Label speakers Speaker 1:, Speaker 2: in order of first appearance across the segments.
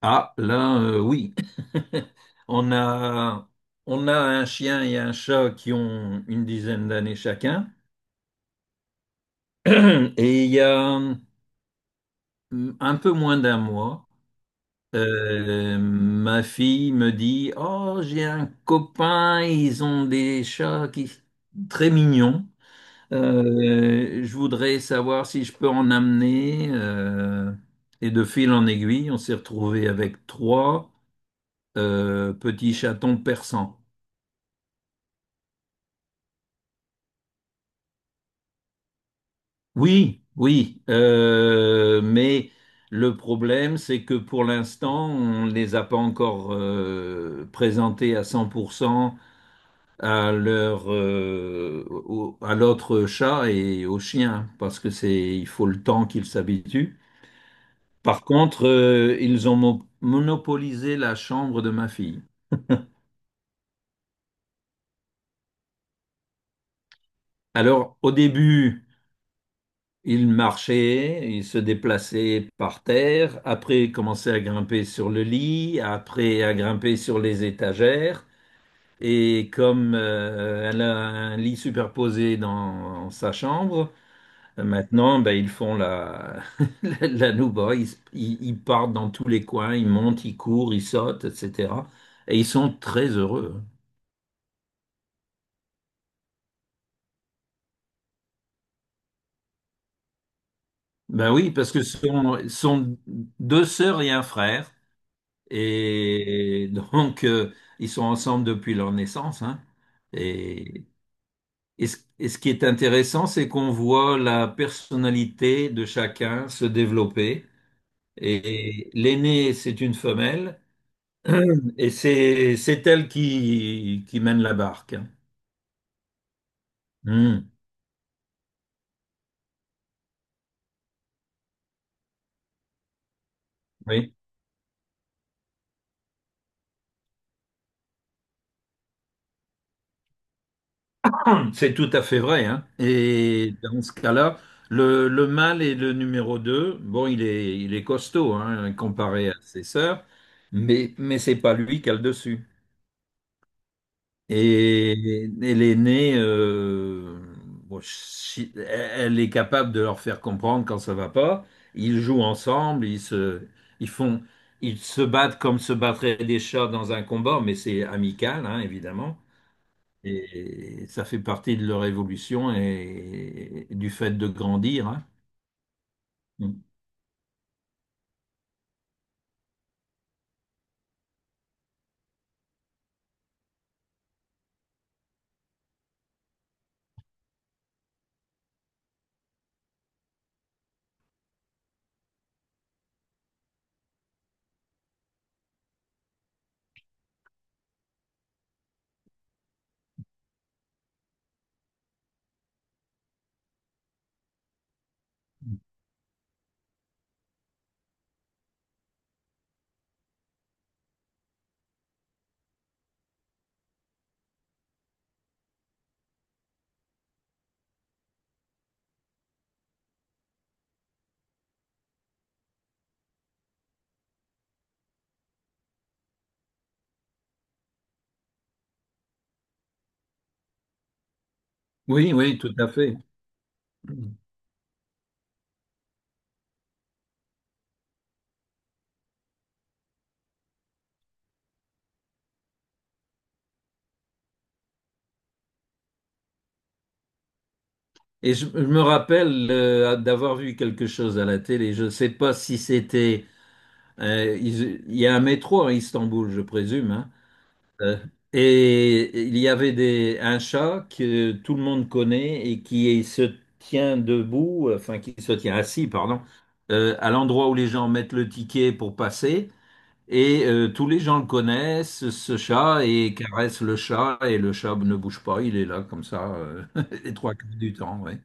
Speaker 1: Ah, là, oui. On a, on a un chien et un chat qui ont une dizaine d'années chacun. Et il y a un peu moins d'un mois, ma fille me dit, Oh, j'ai un copain, ils ont des chats qui, très mignons. Je voudrais savoir si je peux en amener. Et de fil en aiguille, on s'est retrouvé avec trois petits chatons persans. Oui, oui, mais le problème, c'est que pour l'instant, on ne les a pas encore présentés à 100% à à l'autre chat et au chien, parce que il faut le temps qu'ils s'habituent. Par contre, ils ont monopolisé la chambre de ma fille. Alors, au début, il marchait, il se déplaçait par terre, après il commençait à grimper sur le lit, après à grimper sur les étagères. Et comme elle a un lit superposé dans sa chambre, maintenant ben, ils font la, la nouba, ils partent dans tous les coins, ils montent, ils courent, ils sautent, etc. Et ils sont très heureux. Ben oui, parce que ce sont deux sœurs et un frère. Et donc, ils sont ensemble depuis leur naissance, hein. Et, et ce qui est intéressant, c'est qu'on voit la personnalité de chacun se développer. Et l'aînée, c'est une femelle, et c'est elle qui mène la barque, hein. Hmm, oui. C'est tout à fait vrai, hein. Et dans ce cas-là, le mâle est le numéro 2. Bon, il est costaud, hein, comparé à ses sœurs, mais c'est pas lui qui a le dessus. Et elle est née, bon, elle est capable de leur faire comprendre quand ça va pas. Ils jouent ensemble, ils font, ils se battent comme se battraient des chats dans un combat, mais c'est amical, hein, évidemment. Et ça fait partie de leur évolution et du fait de grandir, hein. Mm. Oui, oui, tout à fait. Mm. Et je me rappelle d'avoir vu quelque chose à la télé. Je ne sais pas si c'était. Il y a un métro à Istanbul, je présume, hein. Euh, et il y avait un chat que tout le monde connaît et qui se tient debout, enfin qui se tient assis, pardon, à l'endroit où les gens mettent le ticket pour passer. Et tous les gens le connaissent, ce chat, et caressent le chat, et le chat ne bouge pas, il est là comme ça, les trois quarts du temps, ouais.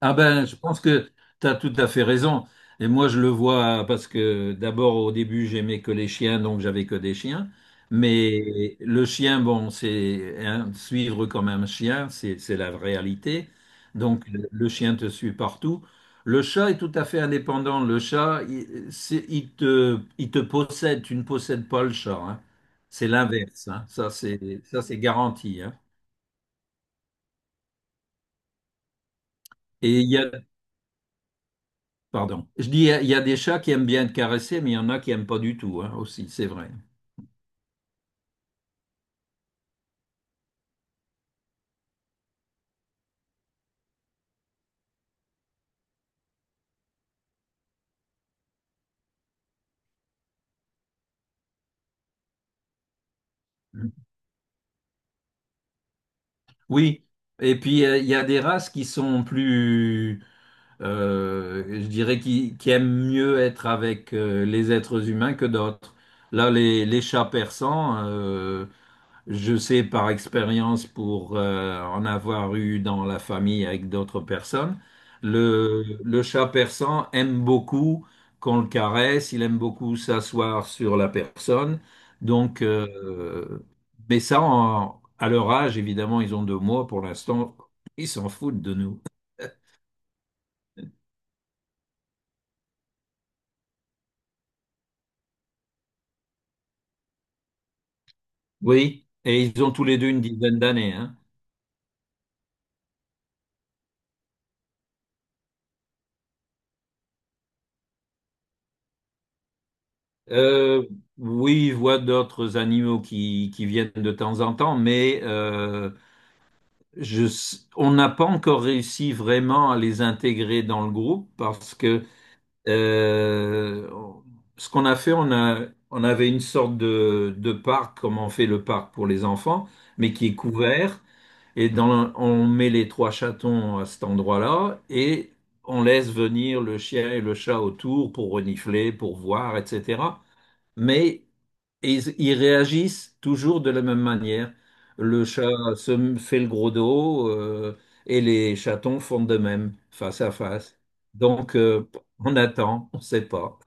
Speaker 1: Ah ben, je pense que tu as tout à fait raison. Et moi, je le vois parce que d'abord, au début, j'aimais que les chiens, donc j'avais que des chiens. Mais le chien, bon, c'est hein, suivre comme un chien, c'est la réalité. Donc, le chien te suit partout. Le chat est tout à fait indépendant. Le chat, il, il te possède. Tu ne possèdes pas le chat, hein. C'est l'inverse, hein. Ça, c'est garanti, hein. Et il y a Pardon. Je dis, il y a des chats qui aiment bien être caressés, mais il y en a qui aiment pas du tout, hein, aussi, c'est vrai. Oui. Et puis, il y a des races qui sont plus, je dirais, qui aiment mieux être avec les êtres humains que d'autres. Là, les chats persans, je sais par expérience pour en avoir eu dans la famille avec d'autres personnes, le chat persan aime beaucoup qu'on le caresse, il aime beaucoup s'asseoir sur la personne. Donc, mais ça, à leur âge, évidemment, ils ont 2 mois pour l'instant, ils s'en foutent de nous. Oui, et ils ont tous les deux une dizaine d'années, hein. Euh, oui, ils voient d'autres animaux qui viennent de temps en temps, mais on n'a pas encore réussi vraiment à les intégrer dans le groupe parce que euh, on- ce qu'on a fait, on avait une sorte de parc, comme on fait le parc pour les enfants, mais qui est couvert. Et dans, on met les trois chatons à cet endroit-là et on laisse venir le chien et le chat autour pour renifler, pour voir, etc. Mais ils réagissent toujours de la même manière. Le chat se fait le gros dos, et les chatons font de même, face à face. Donc, on attend, on ne sait pas.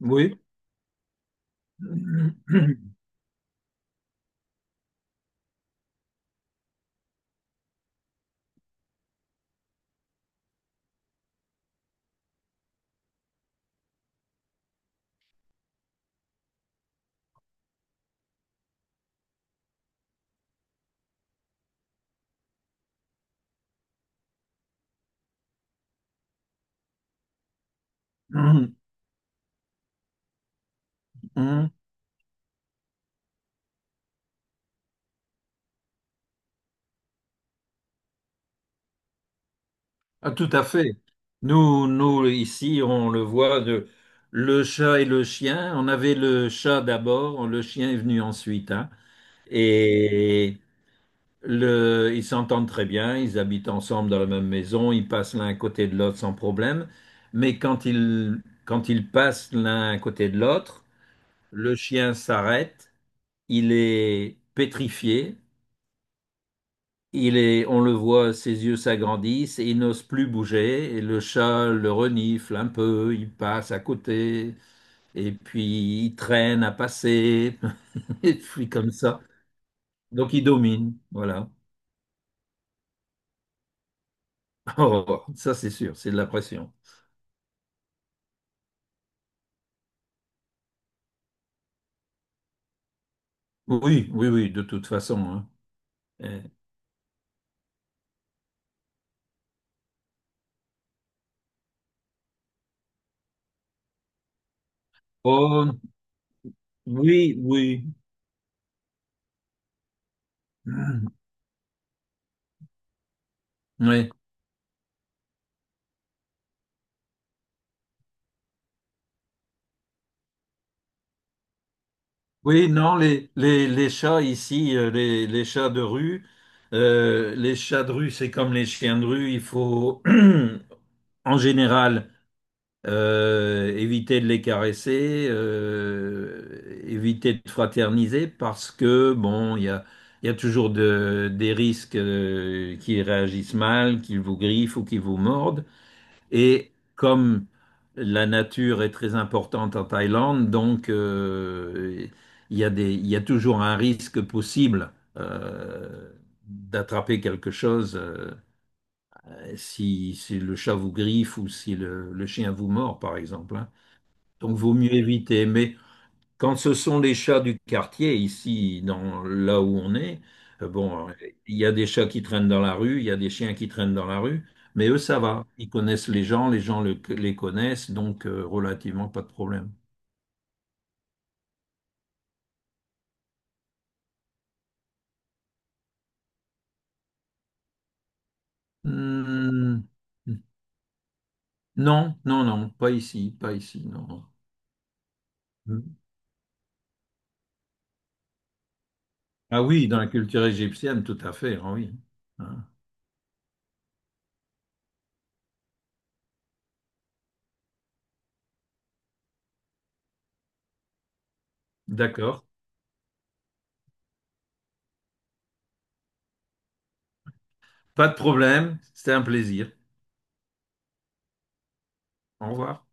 Speaker 1: Oui. Ah, tout à fait. Nous, nous, ici, on le voit, le chat et le chien. On avait le chat d'abord, le chien est venu ensuite, hein. Et ils s'entendent très bien, ils habitent ensemble dans la même maison, ils passent l'un à côté de l'autre sans problème. Mais quand ils passent l'un à côté de l'autre, le chien s'arrête, il est pétrifié, il est, on le voit, ses yeux s'agrandissent et il n'ose plus bouger. Et le chat le renifle un peu, il passe à côté et puis il traîne à passer et puis comme ça. Donc il domine, voilà. Oh, ça c'est sûr, c'est de la pression. Oui, oui, oui, de toute façon, hein. Euh, Oh, oui, oui. Oui, oui, non, les chats ici, les chats de rue, les chats de rue, c'est comme les chiens de rue, il faut en général éviter de les caresser, éviter de fraterniser parce que, bon, il y a toujours des risques, qu'ils réagissent mal, qu'ils vous griffent ou qu'ils vous mordent. Et comme la nature est très importante en Thaïlande, donc il y a toujours un risque possible, euh, d'attraper quelque chose, si le chat vous griffe ou si le chien vous mord, par exemple, hein. Donc vaut mieux éviter. Mais quand ce sont les chats du quartier, ici, là où on est, bon, il y a des chats qui traînent dans la rue, il y a des chiens qui traînent dans la rue, mais eux, ça va. Ils connaissent les gens, les gens les connaissent, donc relativement pas de problème. Hmm, non, non, non, pas ici, pas ici, non. Non. Hmm. Ah oui, dans la culture égyptienne, tout à fait, ah oui. Ah, d'accord. Pas de problème, c'était un plaisir. Au revoir.